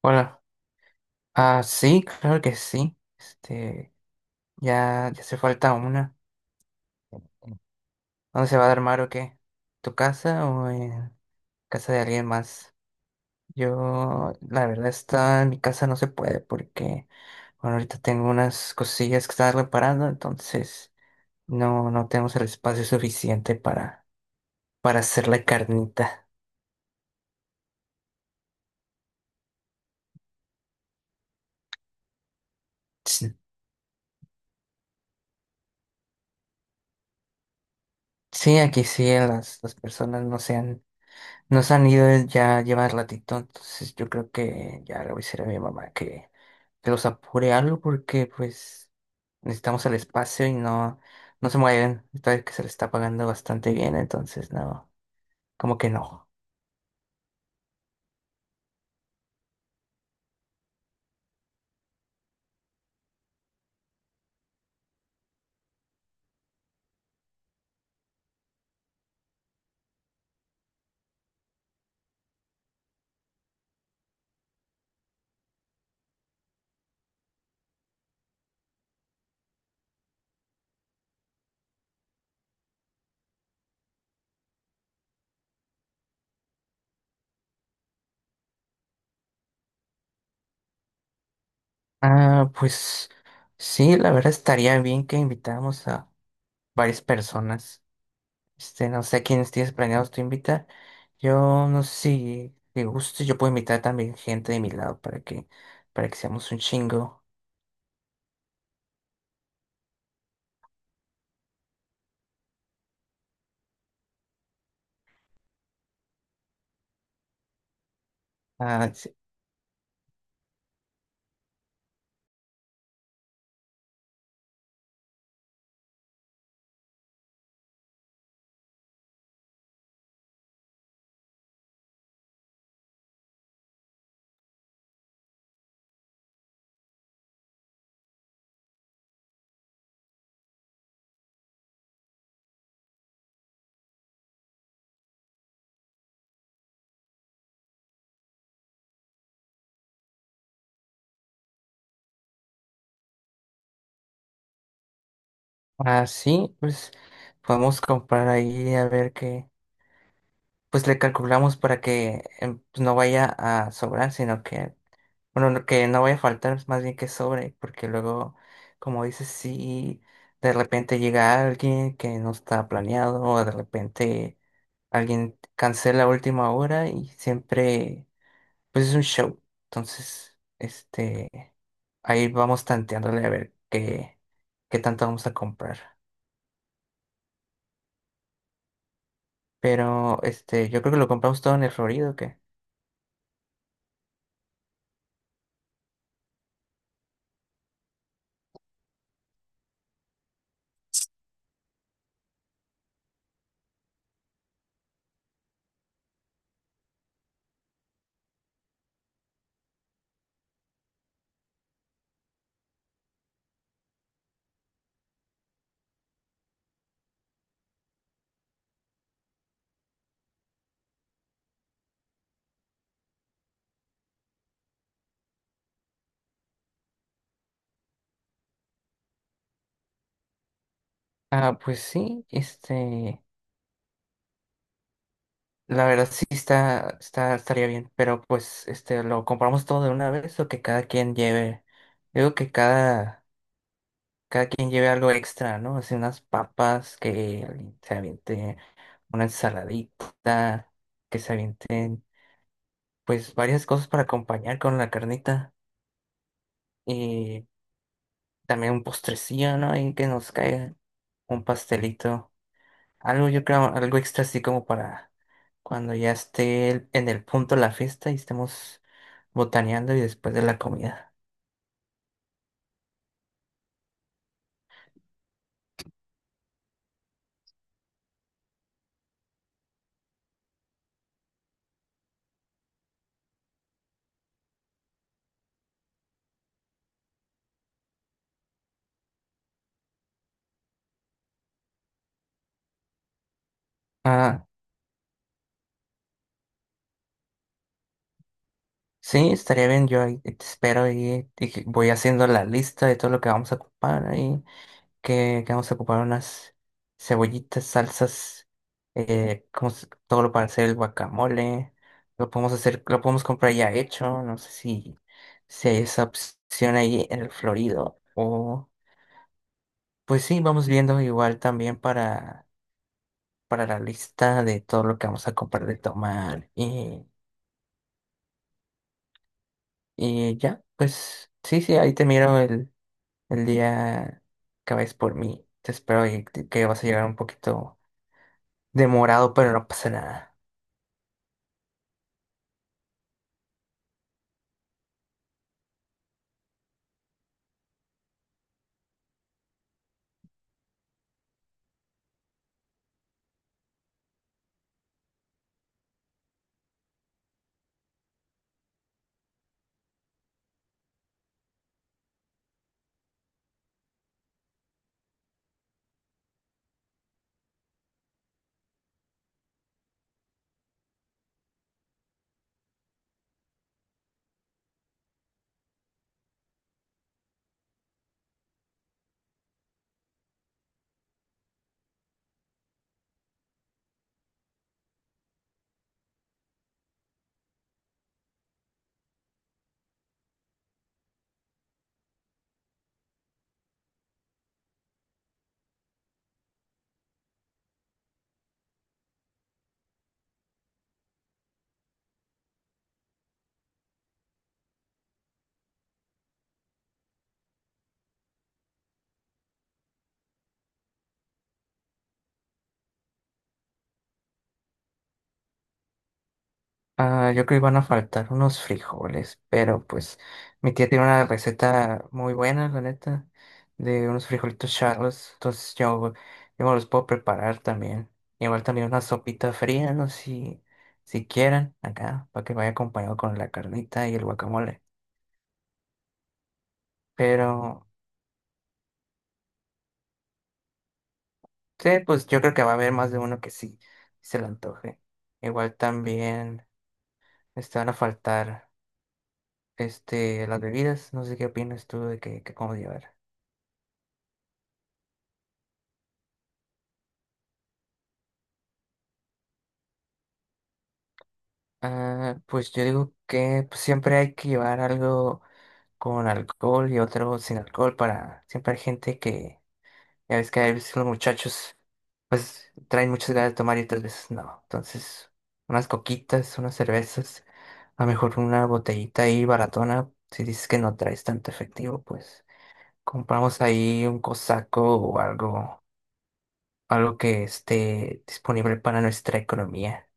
Hola. Ah, sí, claro que sí. Ya hace falta una. ¿Dónde se va a armar o qué? ¿Tu casa o en casa de alguien más? Yo, la verdad, está en mi casa no se puede porque, bueno, ahorita tengo unas cosillas que están reparando, entonces no tenemos el espacio suficiente para hacer la carnita. Sí, sí, aquí sí, las personas no se han nos han ido ya llevar ratito, entonces yo creo que ya le voy a decir a mi mamá que los apure algo porque pues necesitamos el espacio y no, no se mueven. Esta vez que se le está pagando bastante bien, entonces no, como que no. Ah, pues sí, la verdad estaría bien que invitáramos a varias personas. No sé quiénes tienes planeados tú invitar. Yo no sé si te guste, yo puedo invitar también gente de mi lado para que seamos un chingo. Ah, sí. Así, pues podemos comprar ahí a ver pues le calculamos para que pues, no vaya a sobrar, sino que, bueno, que no vaya a faltar, más bien que sobre, porque luego, como dices, si de repente llega alguien que no está planeado o de repente alguien cancela a última hora y siempre, pues es un show. Entonces, ahí vamos tanteándole a ver qué tanto vamos a comprar. Pero, yo creo que lo compramos todo en el Florido, ¿o qué? Ah, pues sí, la verdad sí estaría bien, pero pues, ¿lo compramos todo de una vez o que cada quien lleve? Digo que cada quien lleve algo extra, ¿no? Así unas papas, que alguien se aviente una ensaladita, que se avienten, pues, varias cosas para acompañar con la carnita y también un postrecillo, ¿no? Y que nos caiga un pastelito. Algo, yo creo, algo extra así como para cuando ya esté en el punto la fiesta y estemos botaneando y después de la comida. Ah, sí, estaría bien, yo ahí te espero y que voy haciendo la lista de todo lo que vamos a ocupar y que vamos a ocupar unas cebollitas, salsas, como todo lo para hacer el guacamole, lo podemos hacer, lo podemos comprar ya hecho, no sé si, si hay esa opción ahí en el Florido o... Pues sí, vamos viendo igual también para la lista de todo lo que vamos a comprar de tomar. Y ya, pues sí, sí, ahí te miro el día que vayas por mí. Te espero y que vas a llegar un poquito demorado, pero no pasa nada. Ah, yo creo que iban a faltar unos frijoles, pero pues mi tía tiene una receta muy buena, la neta, de unos frijolitos charros, entonces yo me los puedo preparar también. Igual también una sopita fría, no sé si, si quieran, acá, para que vaya acompañado con la carnita y el guacamole. Pero sí, pues yo creo que va a haber más de uno que sí, sí se le antoje. Igual también van a faltar las bebidas, no sé qué opinas tú de que cómo llevar. Ah, pues yo digo que pues, siempre hay que llevar algo con alcohol y otro sin alcohol para siempre hay gente que, ya ves que a veces los muchachos pues traen muchas ganas de tomar y otras veces no. Entonces, unas coquitas, unas cervezas, a lo mejor una botellita ahí baratona, si dices que no traes tanto efectivo, pues compramos ahí un cosaco o algo, algo que esté disponible para nuestra economía.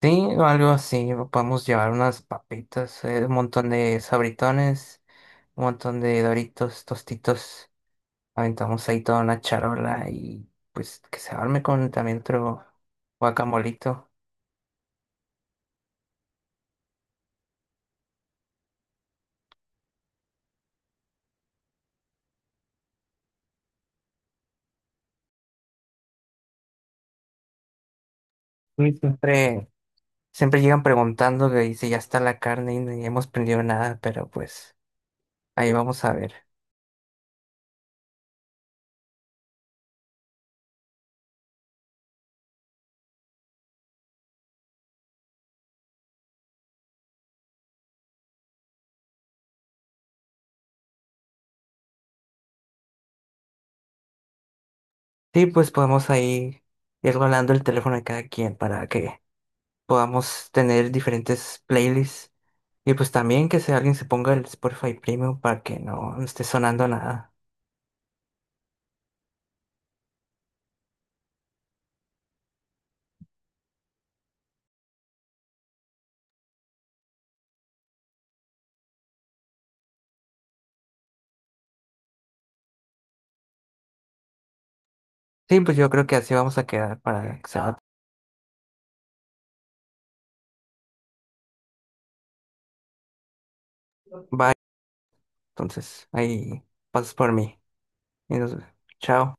Sí, o algo así, o podemos llevar unas papitas, un montón de sabritones, un montón de Doritos, tostitos, aventamos ahí toda una charola y pues que se arme con también otro guacamolito. Y siempre llegan preguntando que dice ya está la carne y no hemos prendido nada, pero pues ahí vamos a ver. Sí, pues podemos ahí ir rolando el teléfono de cada quien para que podamos tener diferentes playlists. Y pues también que si alguien se ponga el Spotify Premium para que no esté sonando nada. Sí, pues yo creo que así vamos a quedar para que se va. Bye. Entonces, ahí pasas por mí. Y nos- Chao.